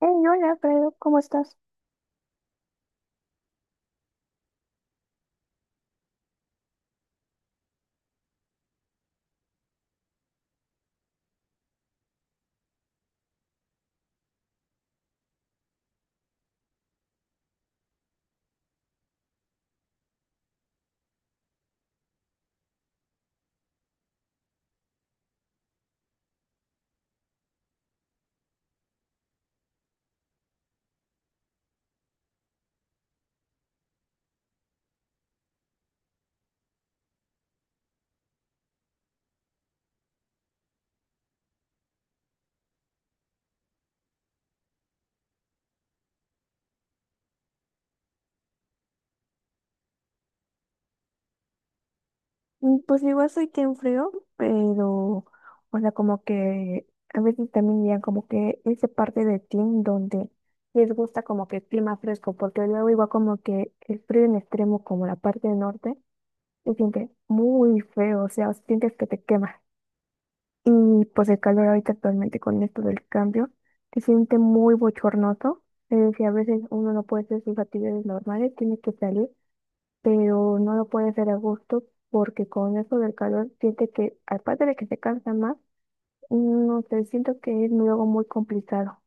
Hey, hola, Pedro, ¿cómo estás? Mm, pues igual soy quien frío, pero, o sea, como que a veces también ya como que esa parte de team donde les gusta como que el clima fresco, porque luego igual como que el frío en extremo, como la parte del norte, se siente muy feo, o sea, sientes que te quema. Y pues el calor ahorita actualmente con esto del cambio, se siente muy bochornoso, es decir, a veces uno no puede hacer sus actividades normales, tiene que salir, pero no lo puede hacer a gusto porque con eso del calor siente que, aparte de que se cansa más, no sé, siento que es luego muy complicado.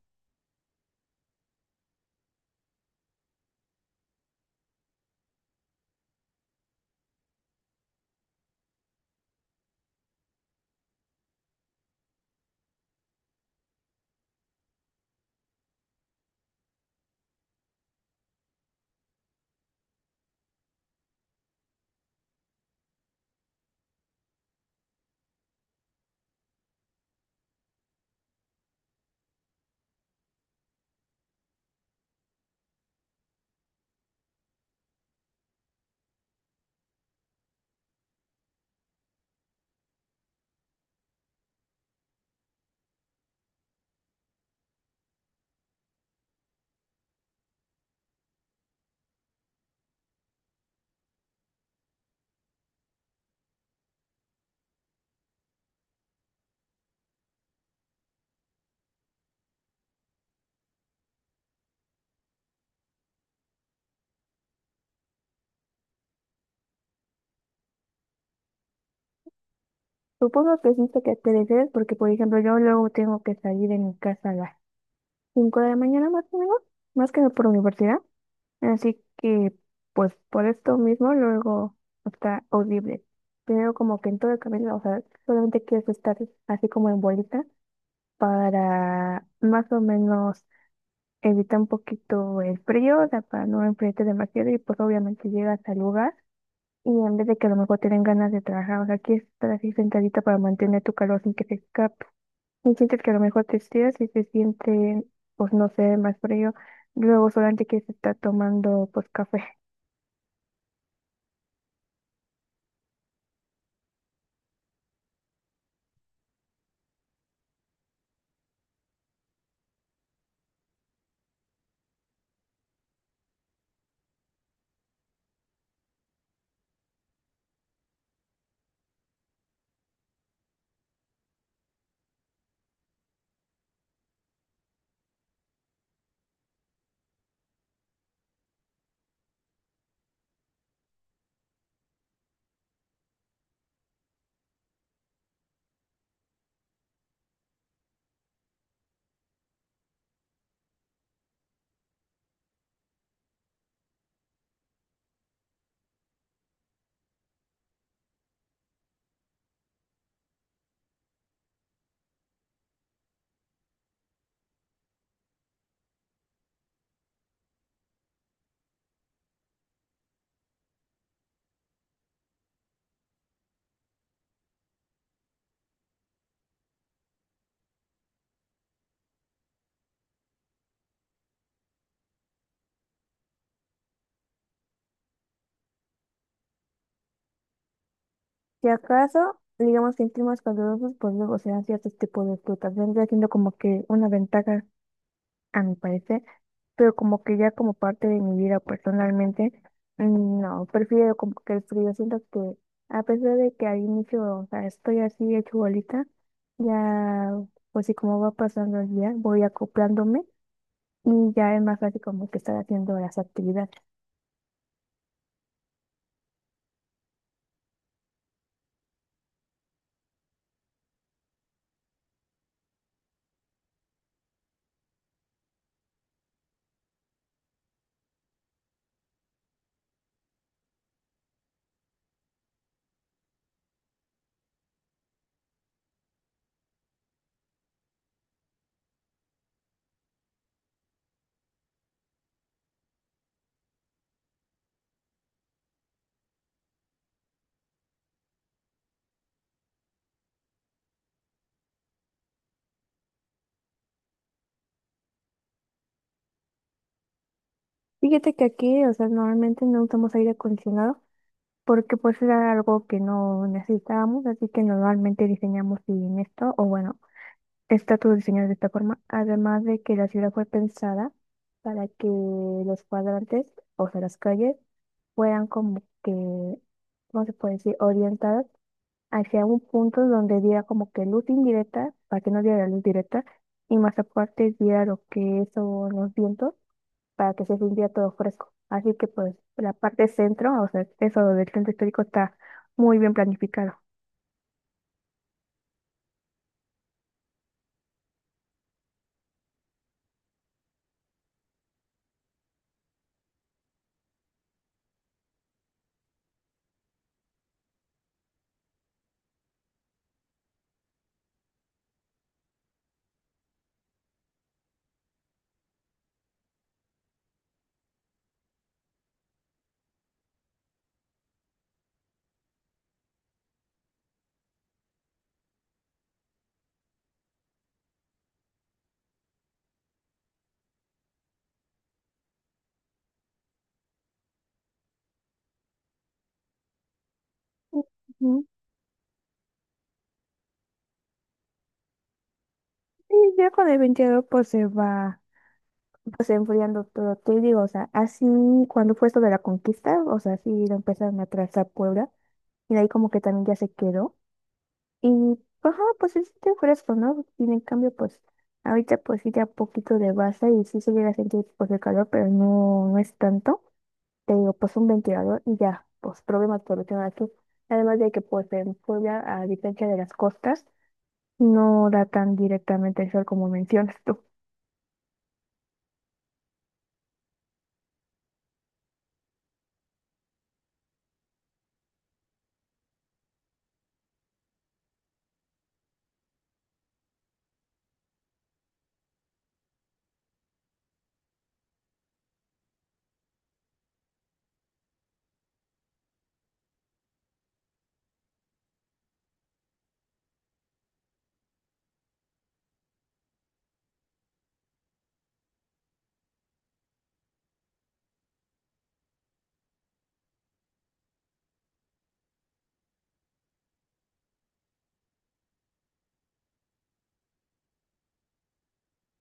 Supongo que siento que te refieres porque, por ejemplo, yo luego tengo que salir de mi casa a las 5 de la mañana más o menos, más que nada por universidad, así que, pues, por esto mismo luego está horrible. Primero como que en todo el camino, o sea, solamente quieres estar así como en bolita para más o menos evita un poquito el frío, o sea, para no enfriarte demasiado y pues obviamente llegas al lugar y en vez de que a lo mejor te den ganas de trabajar, o sea, aquí estar así sentadita para mantener tu calor sin que se escape. Y sientes que a lo mejor te estiras y se siente, pues no sé, más frío. Luego solamente quieres estar tomando pues café. Si acaso, digamos que en climas calurosos, pues luego se dan ciertos tipos de frutas. Vendría siendo como que una ventaja, a mi parecer, pero como que ya como parte de mi vida personalmente, mm, no, prefiero como que el frío. Siento que a pesar de que al inicio, o sea, estoy así hecho bolita, ya, pues sí, como va pasando el día, voy acoplándome y ya es más fácil como que estar haciendo las actividades. Fíjate que aquí, o sea, normalmente no usamos aire acondicionado porque pues era algo que no necesitábamos, así que normalmente diseñamos sin esto, o bueno, estatus diseñados de esta forma, además de que la ciudad fue pensada para que los cuadrantes, o sea, las calles, fueran como que, ¿cómo se puede decir?, orientadas hacia un punto donde diera como que luz indirecta, para que no diera luz directa, y más aparte diera lo que son los vientos, para que se sintiera todo fresco. Así que pues la parte centro, o sea, eso del centro histórico está muy bien planificado. Ujú. Y ya con el 22, pues se va pues enfriando todo. Te digo, o sea, así cuando fue esto de la conquista, o sea, sí lo empezaron a trazar Puebla y de ahí como que también ya se quedó. Y, ajá, pues se siente fresco, ¿no? Y en cambio, pues ahorita pues sí ya poquito de base y sí se llega a sentir pues el calor, pero no, no es tanto. Te digo, pues un ventilador y ya, pues problemas por lo que aquí. Además de que pues en Puebla, a diferencia de las costas, no da tan directamente el sol como mencionas tú.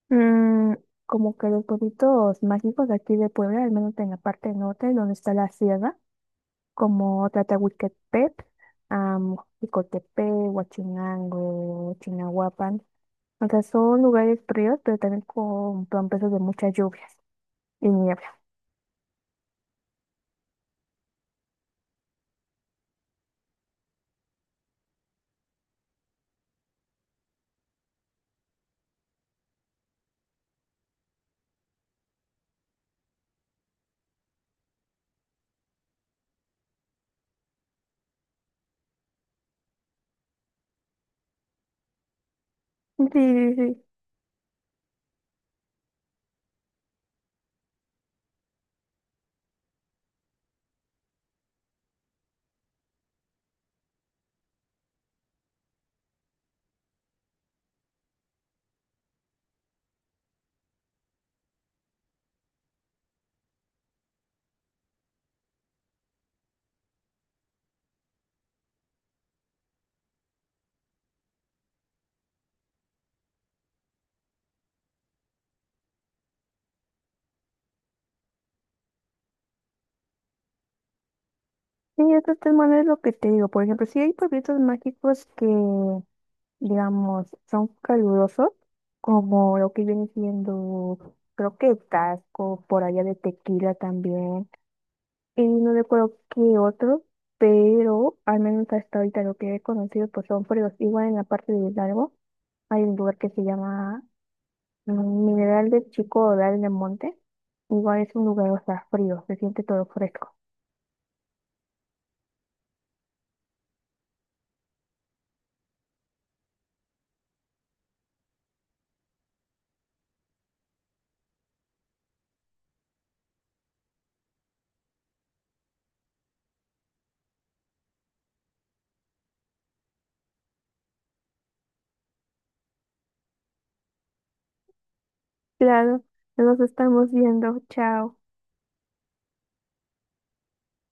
Mm, como que los pueblitos mágicos de aquí de Puebla, al menos en la parte norte, donde está la sierra, como Tlatlahuiquepec, Jicotepec, Huachinango, Chignahuapan. O sea, son lugares fríos, pero también con promesas de muchas lluvias y niebla. Sí, sí, sí. Sí, estos tres maneras es lo que te digo. Por ejemplo, sí hay pueblitos mágicos que, digamos, son calurosos, como lo que viene siendo, creo que Tasco, por allá de Tequila también, y no recuerdo qué otro, pero al menos hasta ahorita lo que he conocido pues son fríos. Igual en la parte de Hidalgo hay un lugar que se llama, mm, Mineral del Chico Odal del Monte, igual es un lugar, o sea, frío, se siente todo fresco. Claro, nos estamos viendo, chao.